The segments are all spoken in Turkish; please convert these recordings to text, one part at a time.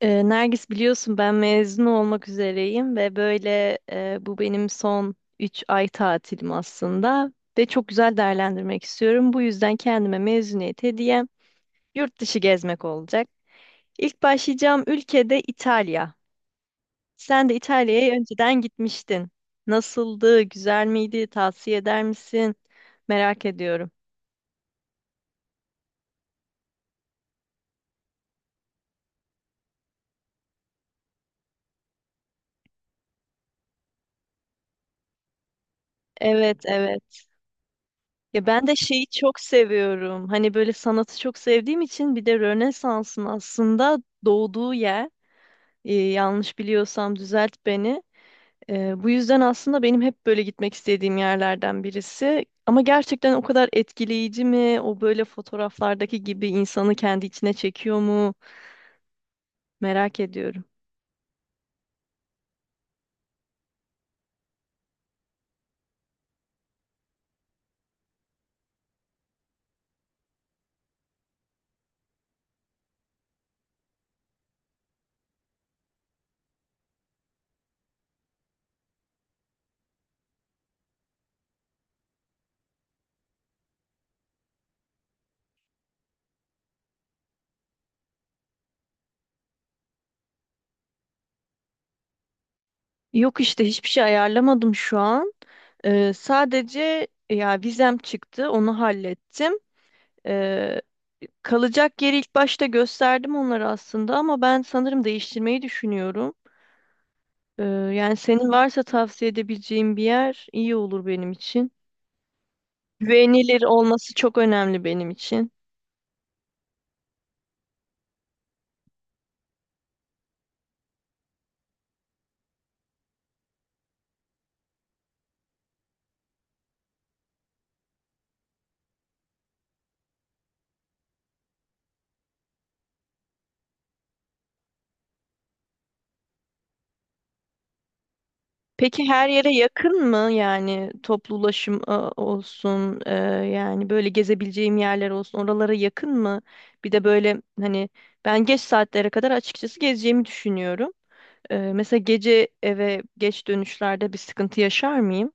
Nergis biliyorsun ben mezun olmak üzereyim ve böyle bu benim son 3 ay tatilim aslında ve çok güzel değerlendirmek istiyorum. Bu yüzden kendime mezuniyet hediyem yurt dışı gezmek olacak. İlk başlayacağım ülkede İtalya. Sen de İtalya'ya önceden gitmiştin. Nasıldı? Güzel miydi? Tavsiye eder misin? Merak ediyorum. Evet, evet. Ya ben de şeyi çok seviyorum. Hani böyle sanatı çok sevdiğim için bir de Rönesans'ın aslında doğduğu yer. Yanlış biliyorsam düzelt beni. Bu yüzden aslında benim hep böyle gitmek istediğim yerlerden birisi. Ama gerçekten o kadar etkileyici mi? O böyle fotoğraflardaki gibi insanı kendi içine çekiyor mu? Merak ediyorum. Yok işte hiçbir şey ayarlamadım şu an. Sadece ya vizem çıktı, onu hallettim. Ee, Kalacak yeri ilk başta gösterdim onlara aslında ama ben sanırım değiştirmeyi düşünüyorum. Yani senin varsa tavsiye edebileceğin bir yer iyi olur benim için. Güvenilir olması çok önemli benim için. Peki her yere yakın mı? Yani toplu ulaşım olsun, yani böyle gezebileceğim yerler olsun, oralara yakın mı? Bir de böyle hani ben geç saatlere kadar açıkçası gezeceğimi düşünüyorum. Mesela gece eve geç dönüşlerde bir sıkıntı yaşar mıyım?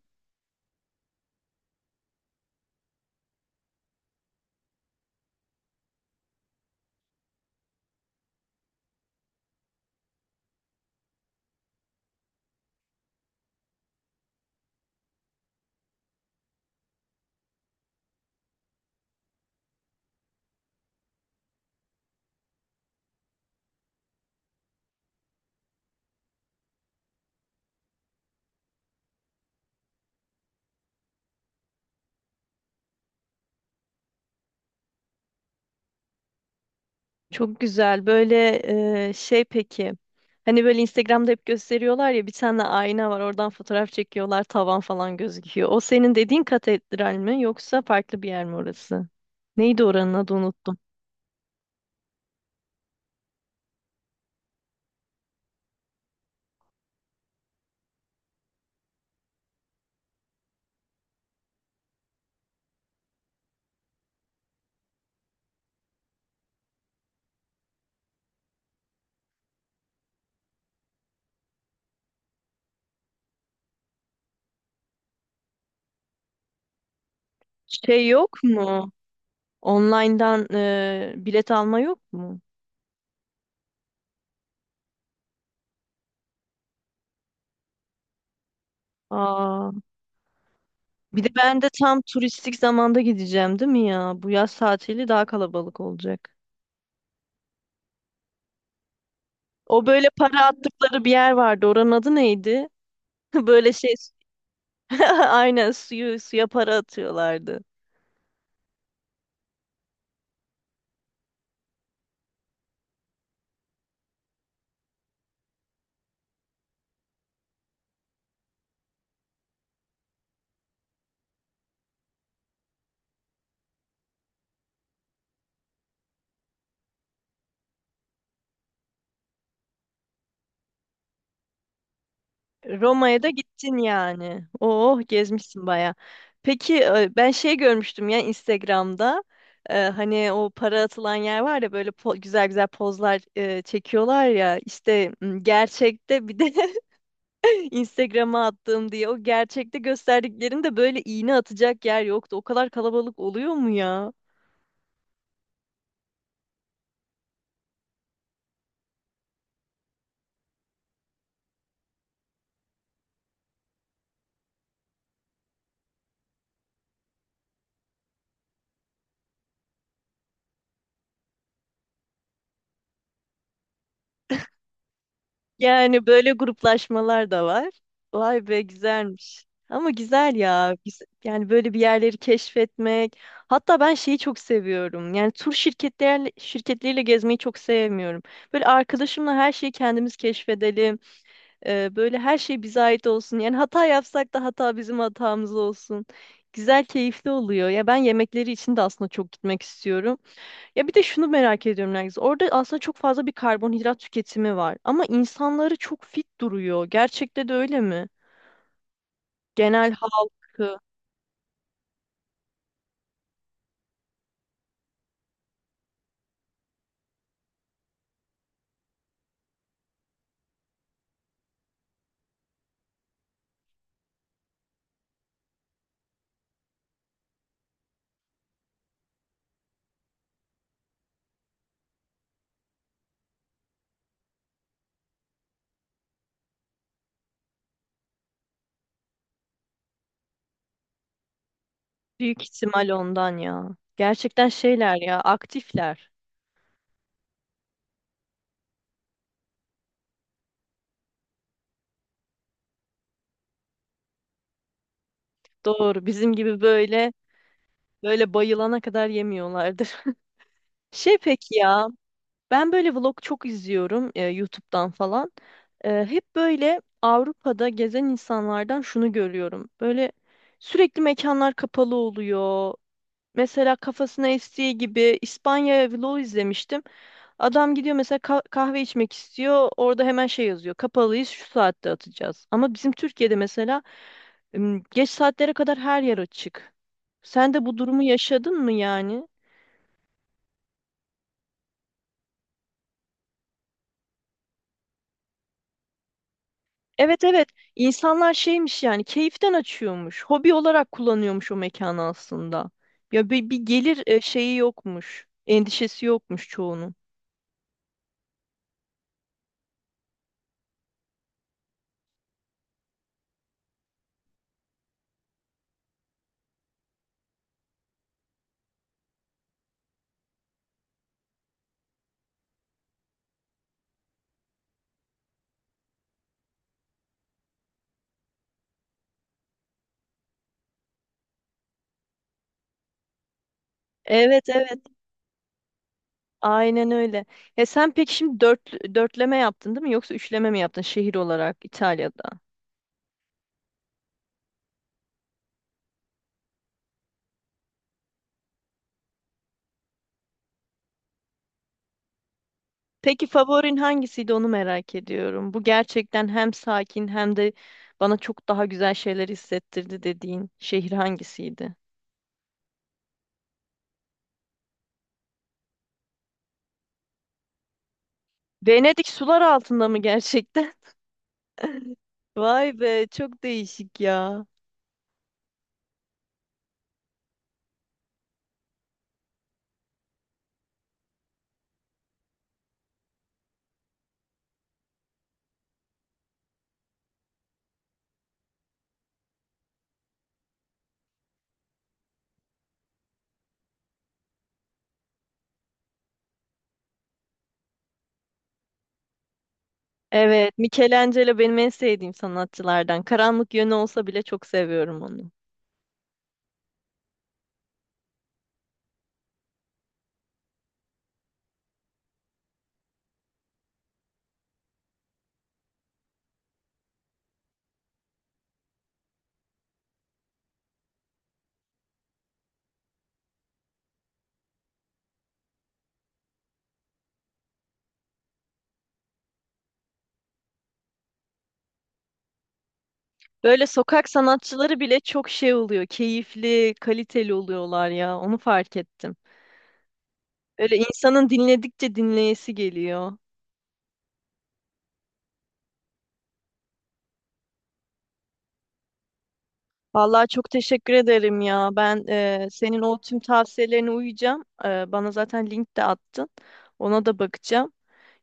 Çok güzel. Böyle peki. Hani böyle Instagram'da hep gösteriyorlar ya bir tane ayna var oradan fotoğraf çekiyorlar tavan falan gözüküyor. O senin dediğin katedral mi yoksa farklı bir yer mi orası? Neydi oranın adı unuttum. Şey yok mu? Online'dan bilet alma yok mu? Aa, Bir de ben de tam turistik zamanda gideceğim değil mi ya? Bu yaz tatili daha kalabalık olacak. O böyle para attıkları bir yer vardı. Oranın adı neydi? Böyle şey Aynen suyu suya para atıyorlardı. Roma'ya da gittin yani. Oh gezmişsin baya. Peki ben şey görmüştüm ya Instagram'da. Hani o para atılan yer var ya böyle güzel güzel pozlar çekiyorlar ya. İşte gerçekte bir de Instagram'a attığım diye o gerçekte gösterdiklerinde böyle iğne atacak yer yoktu. O kadar kalabalık oluyor mu ya? Yani böyle gruplaşmalar da var. Vay be güzelmiş. Ama güzel ya. Yani böyle bir yerleri keşfetmek. Hatta ben şeyi çok seviyorum. Yani şirketleriyle gezmeyi çok sevmiyorum. Böyle arkadaşımla her şeyi kendimiz keşfedelim. Böyle her şey bize ait olsun. Yani hata yapsak da hata bizim hatamız olsun. Güzel, keyifli oluyor. Ya ben yemekleri için de aslında çok gitmek istiyorum. Ya bir de şunu merak ediyorum Nergis. Orada aslında çok fazla bir karbonhidrat tüketimi var. Ama insanları çok fit duruyor. Gerçekte de öyle mi? Genel halkı büyük ihtimal ondan ya. Gerçekten şeyler ya, aktifler. Doğru. Bizim gibi böyle bayılana kadar yemiyorlardır. Şey peki ya, ben böyle vlog çok izliyorum YouTube'dan falan. Hep böyle Avrupa'da gezen insanlardan şunu görüyorum. Böyle sürekli mekanlar kapalı oluyor. Mesela kafasına estiği gibi İspanya vlogu izlemiştim. Adam gidiyor mesela kahve içmek istiyor. Orada hemen şey yazıyor. Kapalıyız şu saatte atacağız. Ama bizim Türkiye'de mesela geç saatlere kadar her yer açık. Sen de bu durumu yaşadın mı yani? Evet, evet. İnsanlar şeymiş yani keyiften açıyormuş. Hobi olarak kullanıyormuş o mekanı aslında. Ya bir gelir şeyi yokmuş. Endişesi yokmuş çoğunun. Evet, evet. Aynen öyle. Ya sen peki şimdi dörtleme yaptın değil mi? Yoksa üçleme mi yaptın şehir olarak İtalya'da? Peki favorin hangisiydi onu merak ediyorum. Bu gerçekten hem sakin hem de bana çok daha güzel şeyler hissettirdi dediğin şehir hangisiydi? Venedik sular altında mı gerçekten? Vay be çok değişik ya. Evet, Michelangelo benim en sevdiğim sanatçılardan. Karanlık yönü olsa bile çok seviyorum onu. Böyle sokak sanatçıları bile çok şey oluyor. Keyifli, kaliteli oluyorlar ya. Onu fark ettim. Böyle insanın dinledikçe dinleyesi geliyor. Vallahi çok teşekkür ederim ya. Ben senin o tüm tavsiyelerine uyacağım. Bana zaten link de attın. Ona da bakacağım.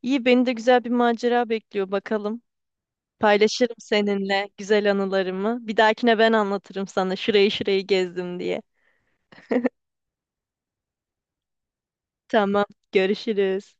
İyi, beni de güzel bir macera bekliyor. Bakalım. Paylaşırım seninle güzel anılarımı. Bir dahakine ben anlatırım sana şurayı şurayı gezdim diye. Tamam, görüşürüz.